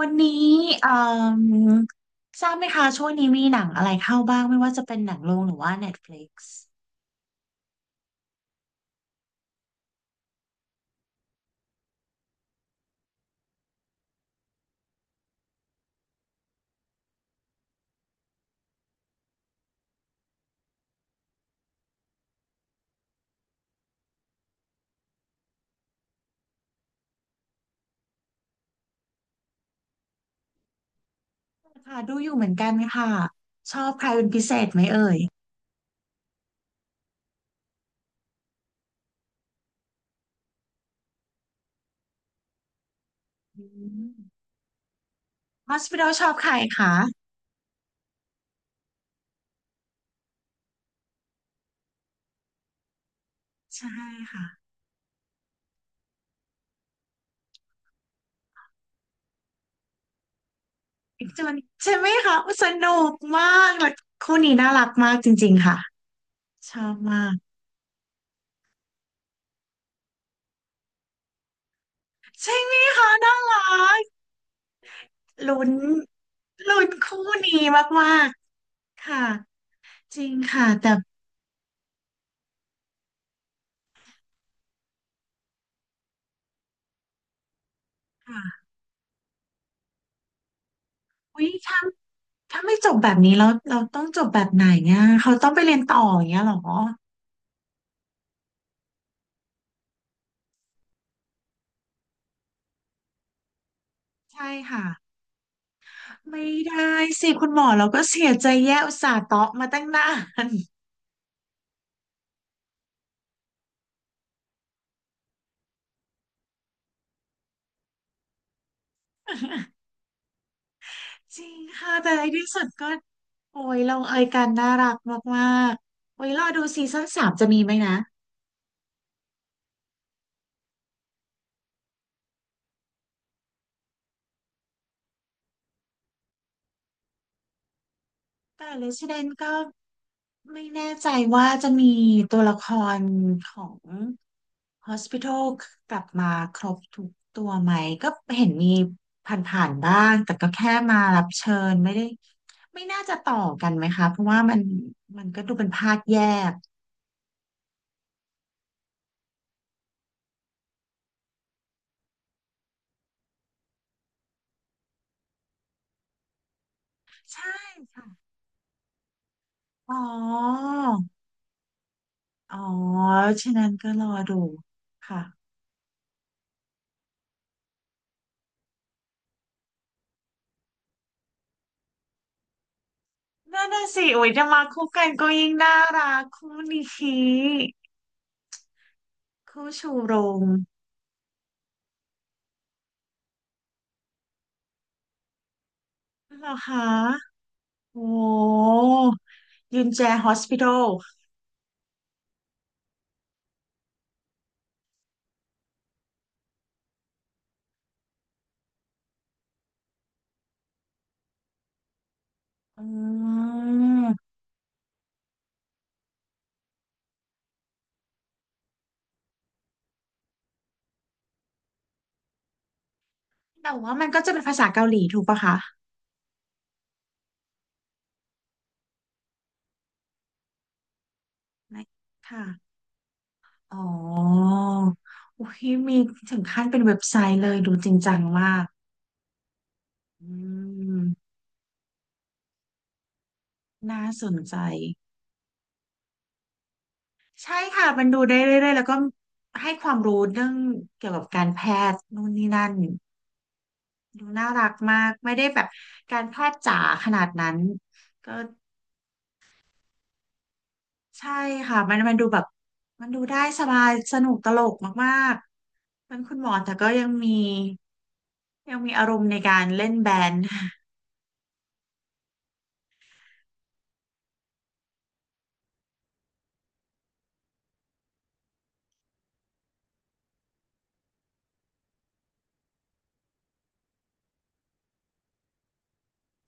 วันนี้เอ่มทราบไหมคะช่วงนี้มีหนังอะไรเข้าบ้างไม่ว่าจะเป็นหนังโรงหรือว่า Netflix ค่ะดูอยู่เหมือนกันค่ะชอบใครเป็นพิเศษไหมเอ่ยอืม Hospital ชอบใครคะใช่ค่ะอีกจนใช่ไหมคะอุ๊ยสนุกมากและคู่นี้น่ารักมากจริงๆค่ะชอบมากใช่ไหมคะน่ารักลุ้นลุ้นคู่นี้มากๆค่ะจริงค่ะแต่ค่ะ อุ้ยถ้าถ้าไม่จบแบบนี้แล้วเราต้องจบแบบไหนเนี่ยเขาต้องไปเรียนต่ออย่างเงี้ยเหรอใช่ค่ะไม่ได้สิคุณหมอเราก็เสียใจแย่อุตส่าห์เตาะมาตั้งนานจริงค่ะแต่ในที่สุดก็โอ้ยลงเอยกันน่ารักมากๆโอ้ยรอดูซีซั่นสามจะมีไหมนะแต่ Resident ก็ ไม่แน่ใจว่าจะมีตัวละครของ Hospital กลับมาครบทุกตัวไหมก็เห็นมีผ่านๆบ้างแต่ก็แค่มารับเชิญไม่น่าจะต่อกันไหมคะเพราะว่ามันมันก็ดูเป็นภาคแยกใช่ค่ะอ๋ออ๋อฉะนั้นก็รอดูค่ะนั่นน่ะสิโอ้ยจะมาคู่กันก็ยิ่งน่ารักคู่นี้คู่ชูโรงเหรอคะ โอ้ยุนแจ Hospital อืมแต่ว่ามันก็จะเป็นภาษาเกาหลีถูกปะคะไม่ค่ะอ๋อโอ้ยมีถึงขั้นเป็นเว็บไซต์เลยดูจริงจังมากอืมน่าสนใจใช่ค่ะมันดูได้เรื่อยๆแล้วก็ให้ความรู้เรื่องเกี่ยวกับการแพทย์นู่นนี่นั่นดูน่ารักมากไม่ได้แบบการแพทย์จ๋าขนาดนั้นก็ ใช่ค่ะมันดูแบบมันดูได้สบายสนุกตลกมากๆเป็นคุณหมอแต่ก็ยังมีอารมณ์ในการเล่นแบนด์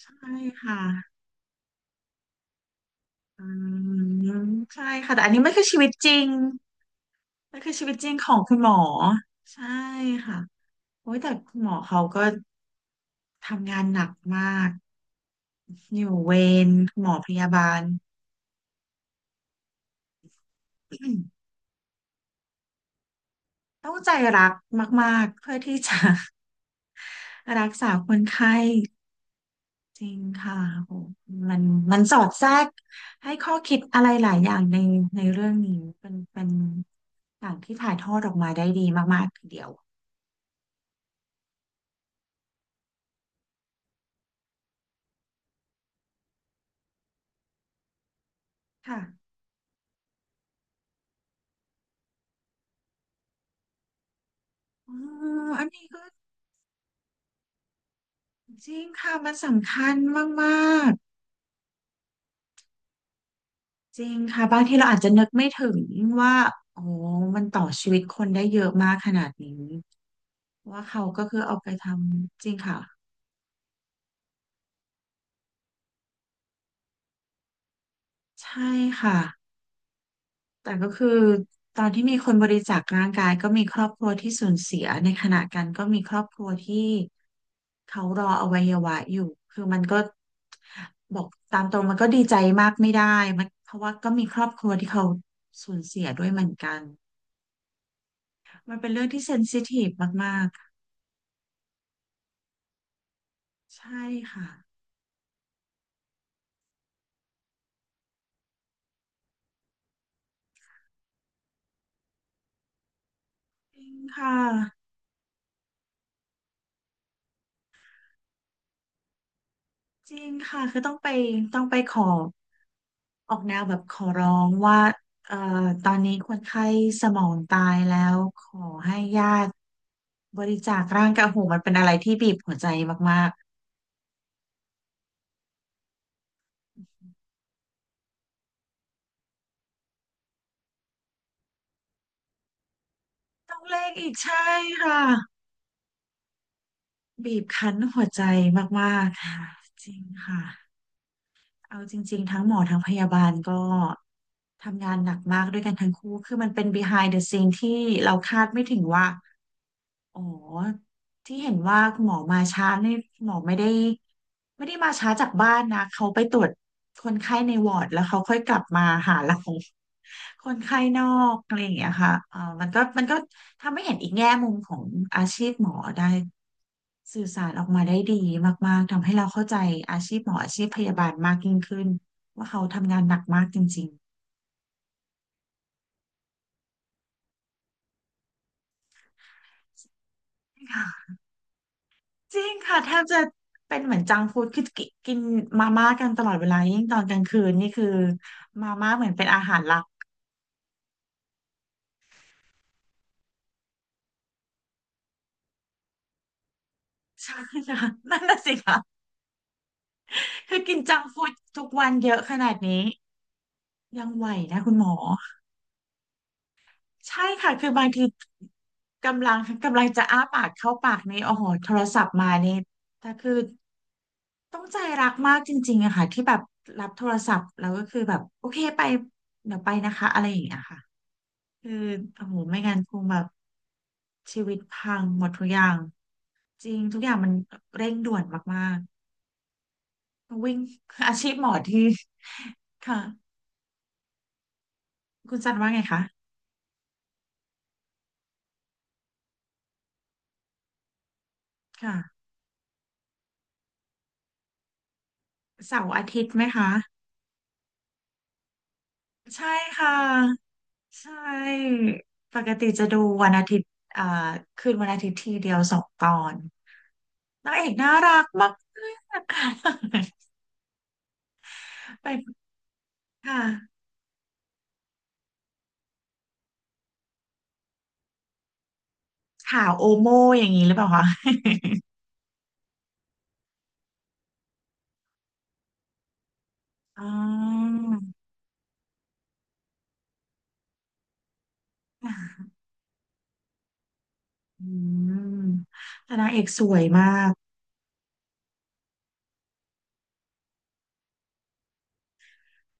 ใช่ค่ะอืมใช่ค่ะแต่อันนี้ไม่คือชีวิตจริงไม่คือชีวิตจริงของคุณหมอใช่ค่ะโอ้ยแต่คุณหมอเขาก็ทำงานหนักมากอยู่เวรหมอพยาบาล ต้องใจรักมากๆเพื่อที่จะ รักษาคนไข้ จริงค่ะโหมันมันสอดแทรกให้ข้อคิดอะไรหลายอย่างในในเรื่องนี้ เป็นอย่างที่ถ่ายทอดออกมาได้ดีมากๆทีเดียวค่ะอ๋ออันนี้ก็จริงค่ะ มันสำคัญมากๆ จริงค่ะบางทีเราอาจจะนึกไม่ถึงว่าโอ้มันต่อชีวิตคนได้เยอะมากขนาดนี้ว่าเขาก็คือเอาไปทำจริงค่ะ ใช่ค่ะ แต่ก็คือตอนที่มีคนบริจาคร่างกายก็มีครอบครัวที่สูญเสียในขณะกันก็มีครอบครัวที่เขารออวัยวะอยู่คือมันก็บอกตามตรงมันก็ดีใจมากไม่ได้มันเพราะว่าก็มีครอบครัวที่เขาสูญเสียด้วยเหมือนกันมันเป็นเรื่องที่เซนซิทีฟมากๆใช่ค่ะจริงค่ะ จริงค่ะคือต้องไปต้องไปขอออกแนวแบบขอร้องว่าเอ่อตอนนี้คนไข้สมองตายแล้วขอให้ญาติบริจาคร่างกายโอ้โหมันเป็นอะไรที่บีบหัวใจมากๆต้องเร่งอีกใช่ค่ะบีบคั้นหัวใจมากๆค่ะจริงค่ะเอาจริงๆทั้งหมอทั้งพยาบาลก็ทำงานหนักมากด้วยกันทั้งคู่คือมันเป็น behind the scene ที่เราคาดไม่ถึงว่า อ๋อที่เห็นว่าคุณหมอมาช้าเนี่ยคุณหมอไม่ได้มาช้าจากบ้านนะเขาไปตรวจคนไข้ในวอร์ดแล้วเขาค่อยกลับมาหาเรา คนไข้นอกอะไรอย่างเงี้ยค่ะเออมันก็ทำให้เห็นอีกแง่มุมของอาชีพหมอได้สื่อสารออกมาได้ดีมากๆทำให้เราเข้าใจอาชีพหมออาชีพพยาบาลมากยิ่งขึ้นว่าเขาทำงานหนักมากจริงๆค่ะ จริงค่ะแทบจะเป็นเหมือนจังก์ฟู้ดคือกินกินมาม่ากันตลอดเวลายิ่งตอนกลางคืนนี่คือเป็นอาหารหลัก ใช่ค่ะนั่นน่ะสิค่ะคือกินจังก์ฟู้ดทุกวันเยอะขนาดนี้ยังไหวนะคุณหมอใช่ค่ะคือบางทีกำลังกำลังจะอ้าปากเข้าปากนี่โอ้โหโทรศัพท์มานี่แต่คือต้องใจรักมากจริงๆอะค่ะที่แบบรับโทรศัพท์แล้วก็คือแบบโอเคไปเดี๋ยวไปนะคะอะไรอย่างเงี้ยค่ะ คือโอ้โหไม่งั้นคงแบบชีวิตพังหมดทุกอย่างจริงทุกอย่างมันเร่งด่วนมากๆวิ่ง อาชีพหมอที่ค่ะคุณจันว่าไงคะค่ะเสาร์อาทิตย์ไหมคะใช่ค่ะใช่ปกติจะดูวันอาทิตย์อ่าคืนวันอาทิตย์ทีเดียวสองตอนนางเอกน่ารักมากๆไปค่ะข่าวโอโมอย่างนี้หรือเปล่าคะอ๋อ อืมแต่นางเอกสวยมาก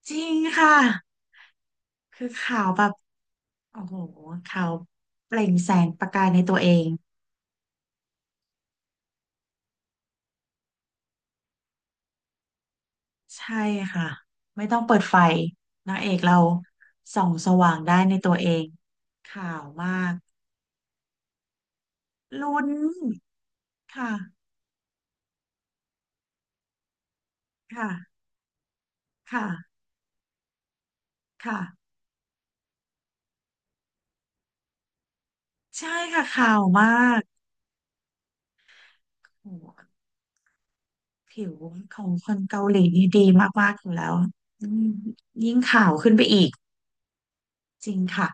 จริงค่ะคือขาวแบบโอ้โหขาวเปล่งแสงประกายในตัวเองใช่ค่ะไม่ต้องเปิดไฟนางเอกเราส่องสว่างได้ในตัวเองขาวมากลุ้นค่ะค่ะค่ะค่ะใช่ค่ะขาวมากโอ้โหผิวของคนเกาหลีนี่ดีมากๆอยู่แล้วอืมยิ่งขาวขึ้นไปอีกจริงค่ะ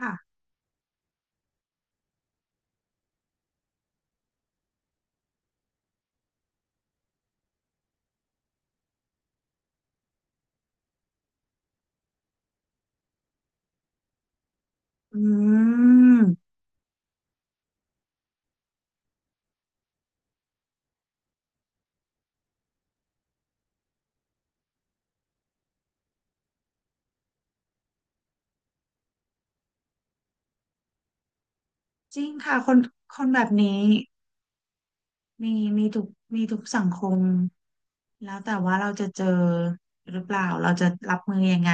ค่ะ อืมจริงค่ะคนคนแบบนี้มีมีทุกมีทุกสังคมแล้วแต่ว่าเราจะเจอหรือเปล่าเราจะรับมือยังไง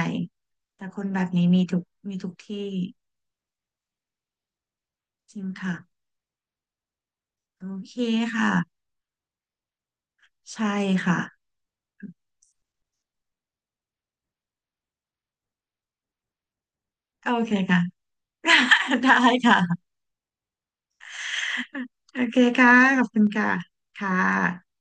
แต่คนแบบนี้มีทุกทุกที่จริงค่ะโอเคค่ะใช่ค่ะโอเคค่ะ ได้ค่ะโอเคค่ะขอบคุณค่ะค่ะ